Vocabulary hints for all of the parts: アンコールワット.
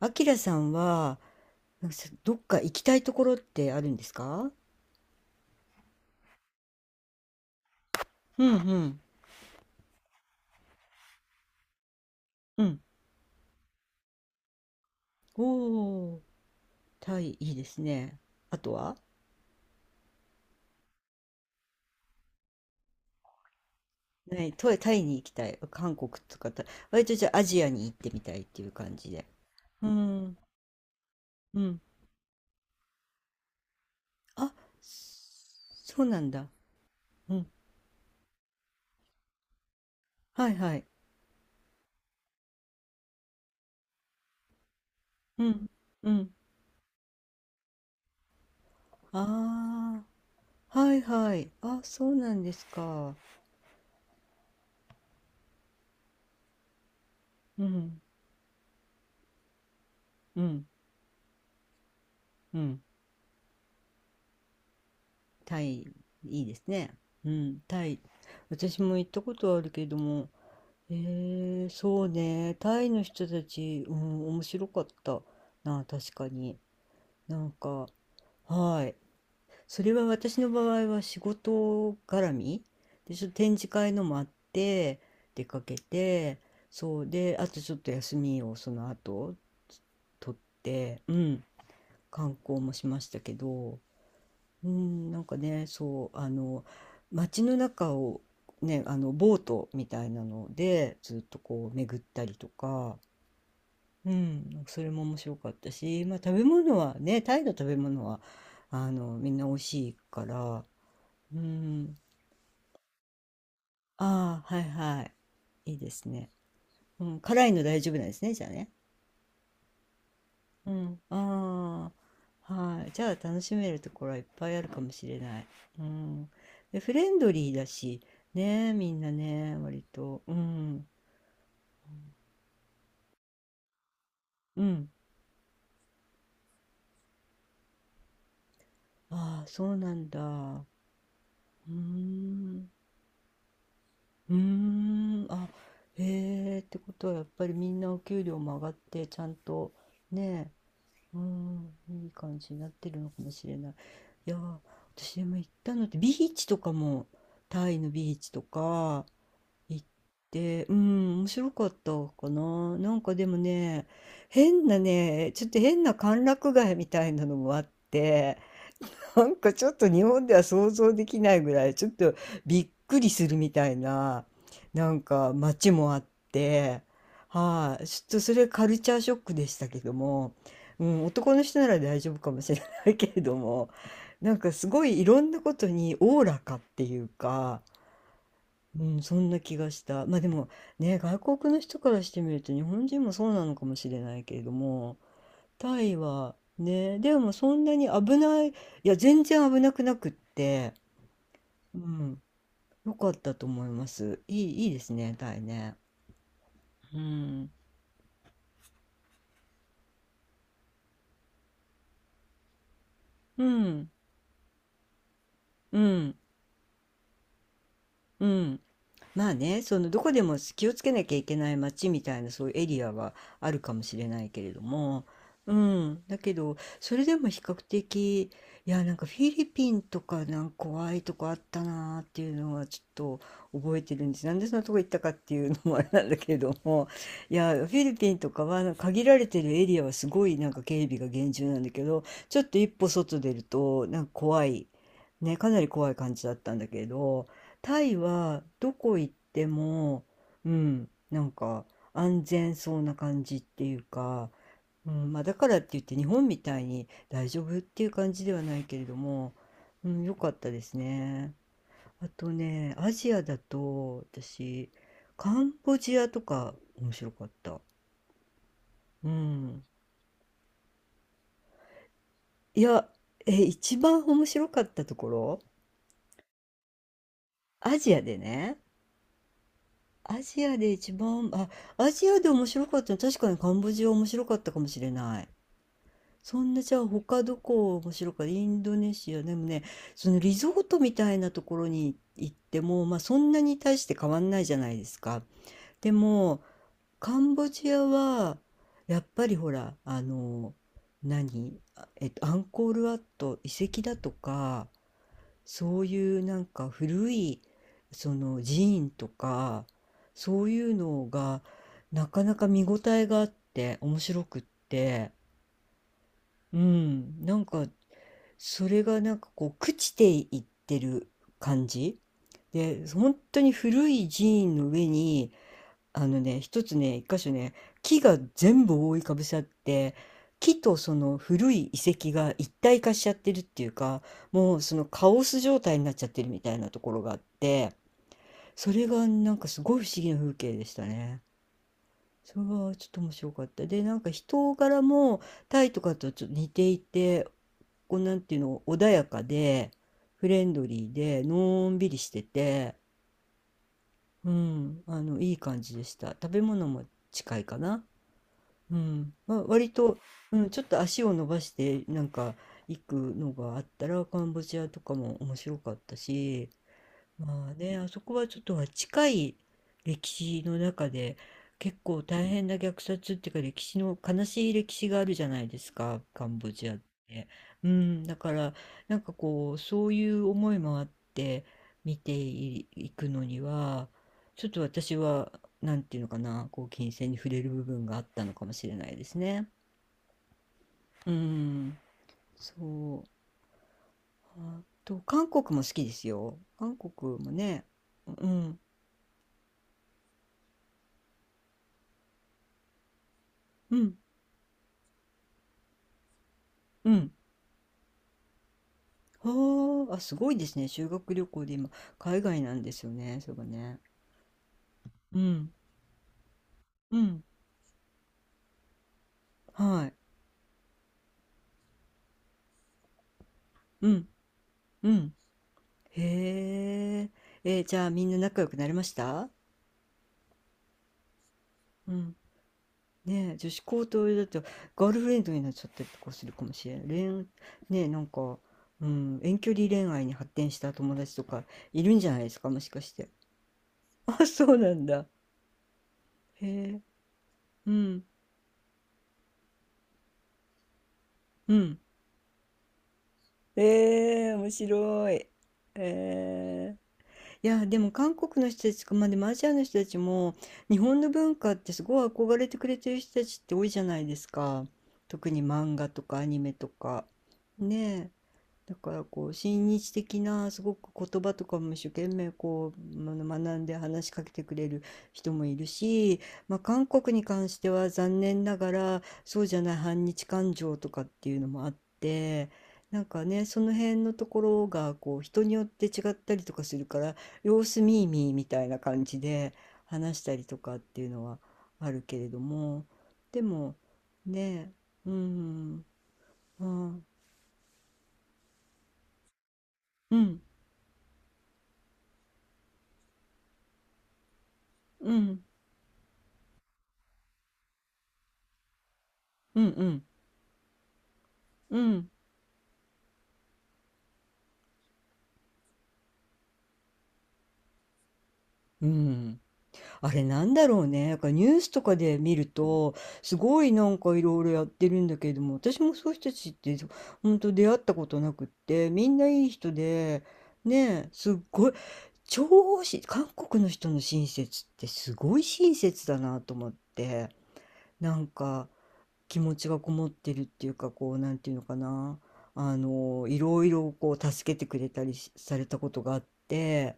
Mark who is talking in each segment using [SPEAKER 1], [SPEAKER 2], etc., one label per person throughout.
[SPEAKER 1] あきらさんは、なんかさどっか行きたいところってあるんですか？うんうん。うん。おー、タイ、いいですね。あとはない、タイ、タイに行きたい。韓国とかタイ、割とじゃあアジアに行ってみたいっていう感じで。うん、うん。あ、そうなんだ。うん。はいはい。うん、うん。ああ、はいはい。あ、そうなんですか。うん、うん、うん。タイ、いいですね。うん、タイ。私も行ったことあるけども、えそうね、タイの人たち、うん、面白かったな、確かに。なんか、はい。それは私の場合は仕事絡みで、ちょっと展示会のもあって、出かけて、そうで、あとちょっと休みをその後、取って、うん、観光もしましたけど、うん、なんかね、そう、街の中をね、ボートみたいなので、ずっとこう巡ったりとか、うん、なんかそれも面白かったし、まあ食べ物はね、タイの食べ物は、みんな美味しいから、うん、ああ、はいはい、いいですね。うん、辛いの大丈夫なんですね、じゃあね。うん、ああ、はい。じゃあ楽しめるところはいっぱいあるかもしれない。うん。で、フレンドリーだし、ねみんなね、割と。うん。うん。ああ、そうなんだ。うーん。うーん。あ、へえ、ってことはやっぱりみんなお給料も上がって、ちゃんと、ねうん、いい感じになってるのかもしれない。いやー、私でも行ったのって、ビーチとかも、タイのビーチとか、行って、うん、面白かったかな。なんかでもね、変なね、ちょっと変な歓楽街みたいなのもあって、なんかちょっと日本では想像できないぐらい、ちょっとびっくりするみたいな、なんか街もあって、はい、ちょっとそれカルチャーショックでしたけども、うん、男の人なら大丈夫かもしれないけれども、なんかすごいいろんなことにおおらかっていうか、うん、そんな気がした。まあでもね、外国の人からしてみると日本人もそうなのかもしれないけれども、タイはね、でもそんなに危ない、いや、全然危なくなくって、うん、よかったと思います。いい、いいですね、タイね。うん、うん、うん、うん。まあね、そのどこでも気をつけなきゃいけない街みたいなそういうエリアはあるかもしれないけれども、うん、だけどそれでも比較的いやなんかフィリピンとかなんか怖いとこあったなーっていうのはちょっと覚えてるんです。なんでそんなとこ行ったかっていうのもあれなんだけれども、いやフィリピンとかはなんか限られてるエリアはすごいなんか警備が厳重なんだけど、ちょっと一歩外出るとなんか怖い。ね、かなり怖い感じだったんだけど、タイはどこ行っても、うん、なんか安全そうな感じっていうか、うんまあ、だからって言って日本みたいに大丈夫っていう感じではないけれども、うん、良かったですね。あとね、アジアだと私、カンボジアとか面白かった。うん。いや、え、一番面白かったところ、アジアでね、アジアで一番、あ、アジアで面白かったの、確かにカンボジア面白かったかもしれない。そんな、じゃあ他どこ面白かった、インドネシア、でもね、そのリゾートみたいなところに行っても、まあそんなに大して変わんないじゃないですか。でも、カンボジアは、やっぱりほら、何あアンコールワット遺跡だとか、そういうなんか古いその寺院とかそういうのがなかなか見応えがあって面白くってうんなんかそれがなんかこう朽ちていってる感じで本当に古い寺院の上に一つね、一箇所ね、木が全部覆いかぶさって、木とその古い遺跡が一体化しちゃってるっていうか、もうそのカオス状態になっちゃってるみたいなところがあって、それがなんかすごい不思議な風景でしたね。それはちょっと面白かった。で、なんか人柄もタイとかとちょっと似ていて、こうなんていうの、穏やかで、フレンドリーで、のんびりしてて、うん、いい感じでした。食べ物も近いかな。うん、割と、うん、ちょっと足を伸ばしてなんか行くのがあったらカンボジアとかも面白かったし、まあね、あそこはちょっとは近い歴史の中で結構大変な虐殺っていうか歴史の悲しい歴史があるじゃないですか、カンボジアって。うん、だからなんかこうそういう思いもあって見てい、くのにはちょっと私はなんていうのかな、こう金銭に触れる部分があったのかもしれないですね。うん、そう。あと韓国も好きですよ。韓国もね、うん、うん。うんはあ、あ、すごいですね。修学旅行で今、海外なんですよね。そうね。うん。うん。はい。うん。うん。へえ。えーじゃあみんな仲良くなれました？うん。ねえ、女子高とだとガールフレンドになっちゃったりとかするかもしれん。恋、ねえ、なんか、うん、遠距離恋愛に発展した友達とかいるんじゃないですか、もしかして。あ、そうなんだ。へえ。うん。うん。ええ、面白い。ええ。いや、でも韓国の人たちとか、まあでもアジアの人たちも、日本の文化ってすごい憧れてくれてる人たちって多いじゃないですか。特に漫画とかアニメとか。ねえ。だからこう親日的なすごく言葉とかも一生懸命こう学んで話しかけてくれる人もいるし、まあ、韓国に関しては残念ながらそうじゃない反日感情とかっていうのもあってなんかねその辺のところがこう人によって違ったりとかするから様子見ー見ーみたいな感じで話したりとかっていうのはあるけれどもでもねうんうんうんうんうんうんうん。うん。あれなんだろうね。なんかニュースとかで見ると、すごいなんかいろいろやってるんだけれども、私もそういう人たちって、本当出会ったことなくって、みんないい人で、ねえ、すっごい、超し、韓国の人の親切ってすごい親切だなと思って、なんか気持ちがこもってるっていうか、こう、なんていうのかな。いろいろこう助けてくれたりしされたことがあって、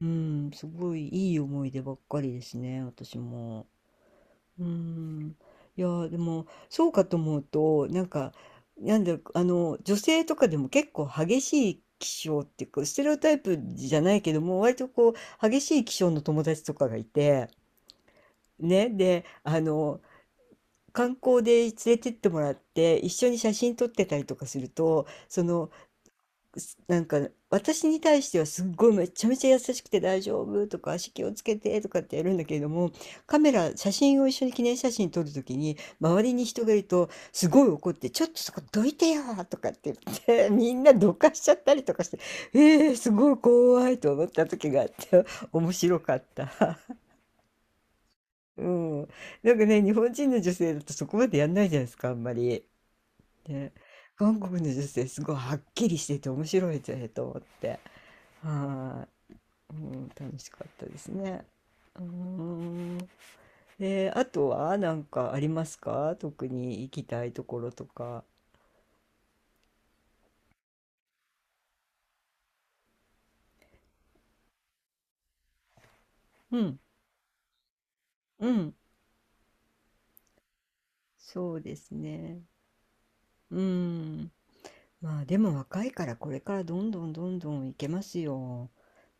[SPEAKER 1] うん、すごいいい思い出ばっかりですね、私も。うん。いやー、でも、そうかと思うと、なんか、なんだ、女性とかでも結構激しい気性っていうか、ステレオタイプじゃないけども、割とこう、激しい気性の友達とかがいて、ね、で、観光で連れてってもらって、一緒に写真撮ってたりとかすると、その、なんか私に対してはすっごいめちゃめちゃ優しくて大丈夫とか足気をつけてとかってやるんだけれどもカメラ写真を一緒に記念写真撮るときに周りに人がいるとすごい怒って「ちょっとそこどいてよ」とかって言って みんなどかしちゃったりとかしてえー、すごい怖いと思った時があって 面白かった。うん、なんかね日本人の女性だとそこまでやんないじゃないですかあんまり。ね、韓国の女性すごいはっきりしてて面白いぜと思って。はい、うん、楽しかったですね。うーん。で、あとはなんかありますか特に行きたいところとか。うん、うん、そうですね。うん。まあでも若いからこれからどんどんどんどん行けますよ。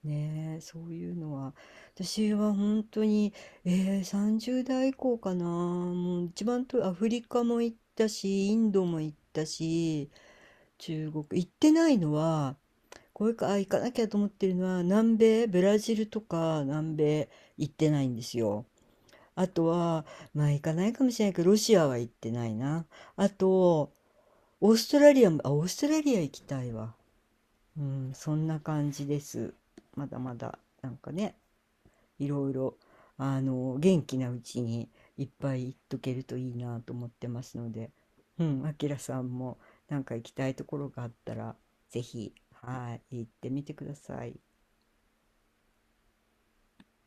[SPEAKER 1] ねえ、そういうのは。私は本当に、30代以降かな。もう一番とアフリカも行ったし、インドも行ったし、中国行ってないのは、これか、あ、行かなきゃと思ってるのは、南米、ブラジルとか南米行ってないんですよ。あとは、まあ行かないかもしれないけど、ロシアは行ってないな。あと、オーストラリアも、あ、オーストラリア行きたいわ。うん、そんな感じです。まだまだ、なんかね、いろいろ、元気なうちにいっぱい行っとけるといいなと思ってますので、うん、あきらさんも、なんか行きたいところがあったら、ぜひ、はい、行ってみてください。